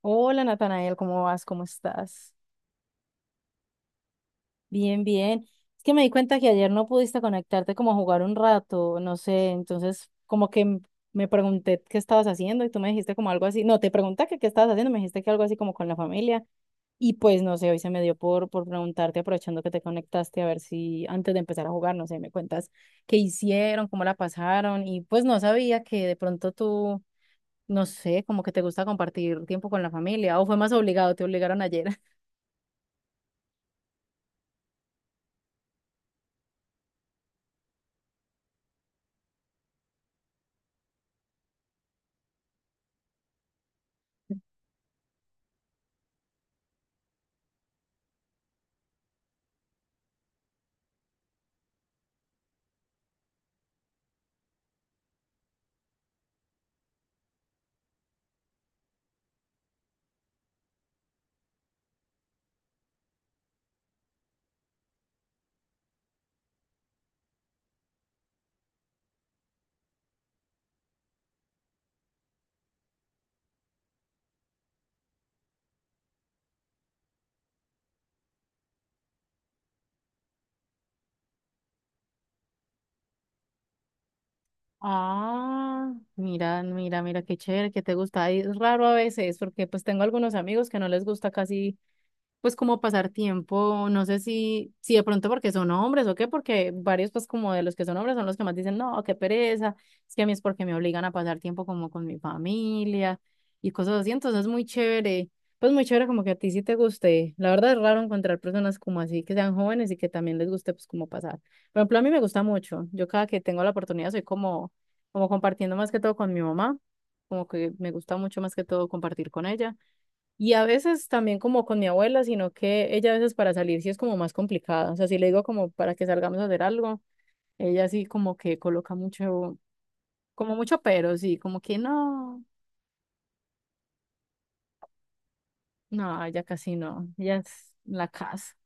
Hola Natanael, ¿cómo vas? ¿Cómo estás? Bien, bien. Es que me di cuenta que ayer no pudiste conectarte como a jugar un rato, no sé, entonces como que me pregunté qué estabas haciendo y tú me dijiste como algo así, no, te pregunté que qué estabas haciendo, me dijiste que algo así como con la familia y pues no sé, hoy se me dio por preguntarte aprovechando que te conectaste a ver si antes de empezar a jugar, no sé, me cuentas qué hicieron, cómo la pasaron y pues no sabía que de pronto tú, no sé, como que te gusta compartir tiempo con la familia o fue más obligado, te obligaron ayer. Ah, mira, mira, mira, qué chévere, que te gusta. Ay, es raro a veces, porque pues tengo algunos amigos que no les gusta casi pues como pasar tiempo, no sé si de pronto porque son hombres o qué, porque varios pues como de los que son hombres son los que más dicen, no, qué pereza, es que a mí es porque me obligan a pasar tiempo como con mi familia y cosas así, entonces es muy chévere, pues muy chévere como que a ti sí te guste, la verdad es raro encontrar personas como así que sean jóvenes y que también les guste pues como pasar, por ejemplo a mí me gusta mucho, yo cada que tengo la oportunidad soy como, como compartiendo más que todo con mi mamá, como que me gusta mucho más que todo compartir con ella. Y a veces también como con mi abuela, sino que ella a veces para salir sí es como más complicada. O sea, si le digo como para que salgamos a hacer algo, ella sí como que coloca mucho, como mucho pero, sí, como que no, no, ella casi no, ella es la casa.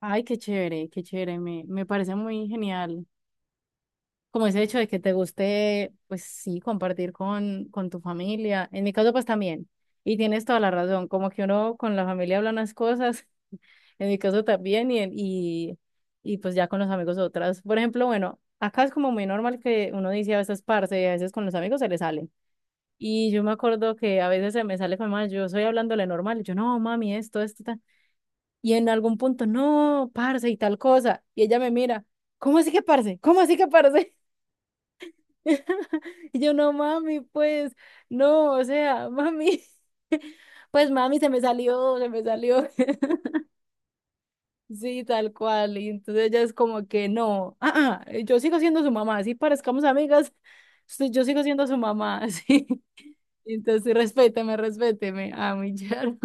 Ay, qué chévere, me parece muy genial. Como ese hecho de que te guste, pues sí, compartir con tu familia. En mi caso, pues también. Y tienes toda la razón, como que uno con la familia habla unas cosas. En mi caso también, y, y pues ya con los amigos otras. Por ejemplo, bueno, acá es como muy normal que uno dice a veces parce, y a veces con los amigos se le sale. Y yo me acuerdo que a veces se me sale con mamá, yo estoy hablándole normal, y yo no, mami, esto, tal. Y en algún punto, no, parce, y tal cosa. Y ella me mira, ¿cómo así que parce? ¿Cómo así que parce? Y yo, no, mami, pues, no, o sea, mami, pues mami, se me salió, se me salió. Sí, tal cual. Y entonces ella es como que no, ah, ah, yo sigo siendo su mamá, así parezcamos amigas, sí, yo sigo siendo su mamá, así Entonces, respéteme, respéteme, ah mi yerno.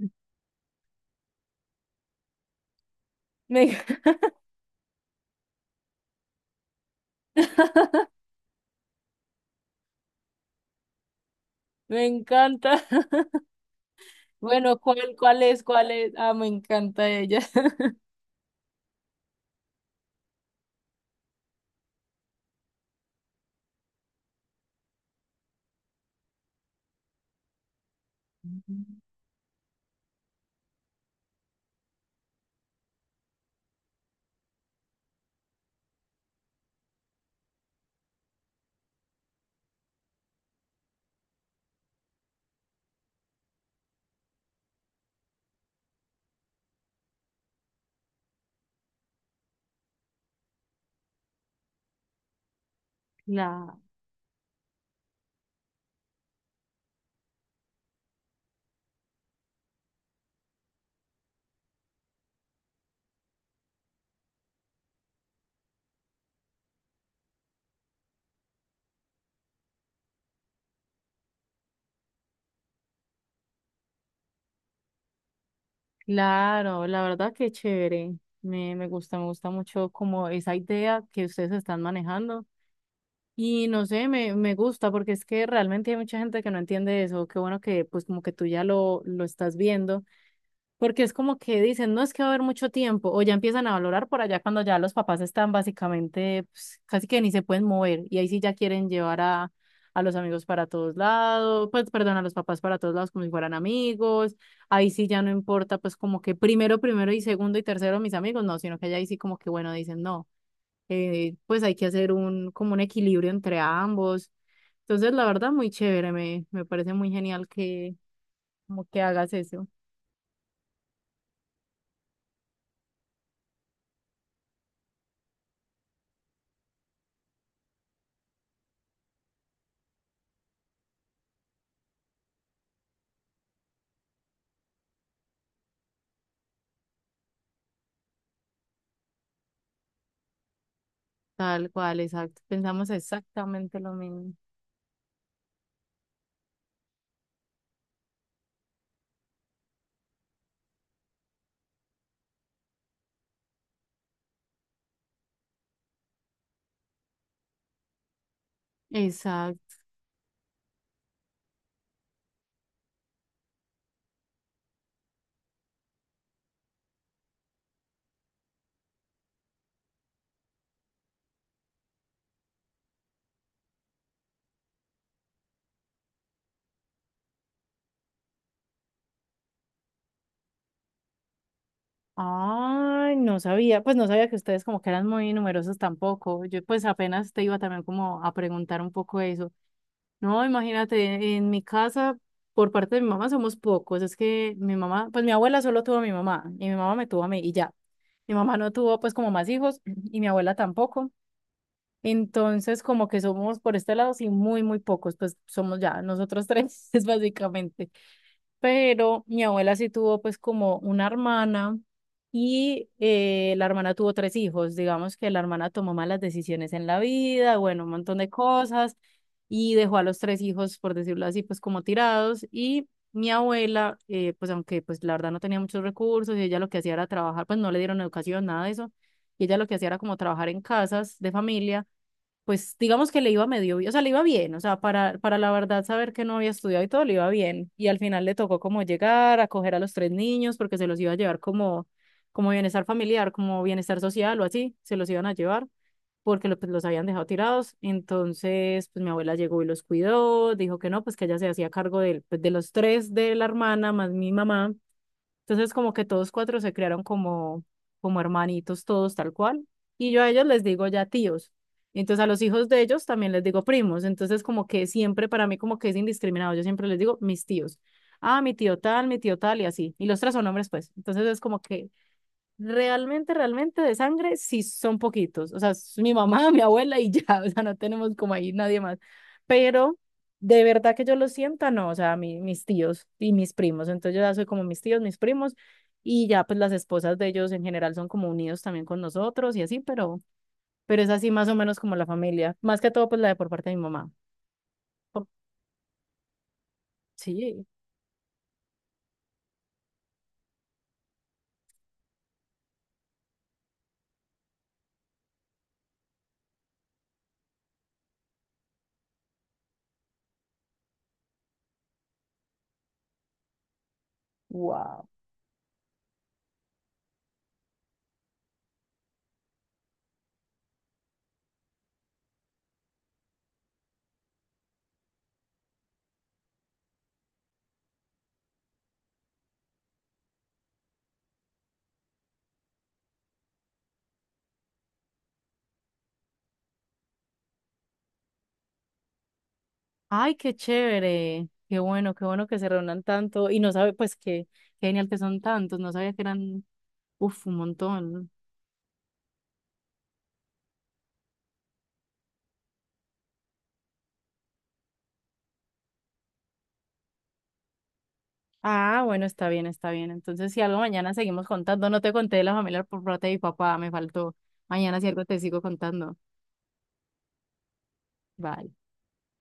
Me, me encanta. Bueno, ¿cuál, cuál es, cuál es? Ah, me encanta ella. Claro, claro, la verdad que chévere. Me gusta, me gusta mucho como esa idea que ustedes están manejando. Y no sé, me gusta porque es que realmente hay mucha gente que no entiende eso. Qué bueno que pues como que tú ya lo estás viendo, porque es como que dicen, no es que va a haber mucho tiempo, o ya empiezan a valorar por allá cuando ya los papás están básicamente, pues, casi que ni se pueden mover, y ahí sí ya quieren llevar a los amigos para todos lados, pues perdón, a los papás para todos lados como si fueran amigos, ahí sí ya no importa pues como que primero, primero y segundo y tercero mis amigos, no, sino que ya ahí sí como que bueno, dicen no pues hay que hacer un, como un equilibrio entre ambos. Entonces, la verdad, muy chévere, me parece muy genial que, como que hagas eso. Tal cual, exacto. Pensamos exactamente lo mismo. Exacto. Ay, no sabía, pues no sabía que ustedes como que eran muy numerosos tampoco. Yo pues apenas te iba también como a preguntar un poco eso. No, imagínate, en mi casa, por parte de mi mamá, somos pocos. Es que mi mamá, pues mi abuela solo tuvo a mi mamá y mi mamá me tuvo a mí y ya. Mi mamá no tuvo pues como más hijos y mi abuela tampoco. Entonces, como que somos por este lado, sí, muy, muy pocos, pues somos ya nosotros tres, es básicamente. Pero mi abuela sí tuvo pues como una hermana y la hermana tuvo tres hijos. Digamos que la hermana tomó malas decisiones en la vida, bueno, un montón de cosas y dejó a los tres hijos, por decirlo así, pues como tirados. Y mi abuela, pues aunque pues la verdad no tenía muchos recursos y ella lo que hacía era trabajar, pues no le dieron educación, nada de eso. Y ella lo que hacía era como trabajar en casas de familia pues digamos que le iba medio bien, o sea, le iba bien, o sea, para la verdad saber que no había estudiado y todo, le iba bien. Y al final le tocó como llegar, acoger a los tres niños, porque se los iba a llevar como, como bienestar familiar, como bienestar social o así, se los iban a llevar, porque pues, los habían dejado tirados. Entonces, pues mi abuela llegó y los cuidó, dijo que no, pues que ella se hacía cargo pues, de los tres de la hermana, más mi mamá. Entonces, como que todos cuatro se crearon como, como hermanitos, todos tal cual. Y yo a ellos les digo ya tíos. Y entonces a los hijos de ellos también les digo primos. Entonces, como que siempre para mí como que es indiscriminado. Yo siempre les digo mis tíos. Ah, mi tío tal y así. Y los tres son hombres, pues. Entonces es como que realmente, realmente de sangre, sí son poquitos. O sea, es mi mamá, mi abuela y ya. O sea, no tenemos como ahí nadie más. Pero de verdad que yo lo sienta, no. O sea, mis tíos y mis primos. Entonces yo ya soy como mis tíos, mis primos. Y ya, pues las esposas de ellos en general son como unidos también con nosotros y así, pero es así más o menos como la familia. Más que todo, pues la de por parte de mi mamá. Por- sí, wow. Ay, qué chévere. Qué bueno que se reúnan tanto. Y no sabe, pues que. Genial que son tantos, no sabía que eran uf, un montón. Ah, bueno, está bien, está bien. Entonces, si algo mañana seguimos contando, no te conté de la familia por parte de mi papá, me faltó. Mañana si algo te sigo contando. Vale.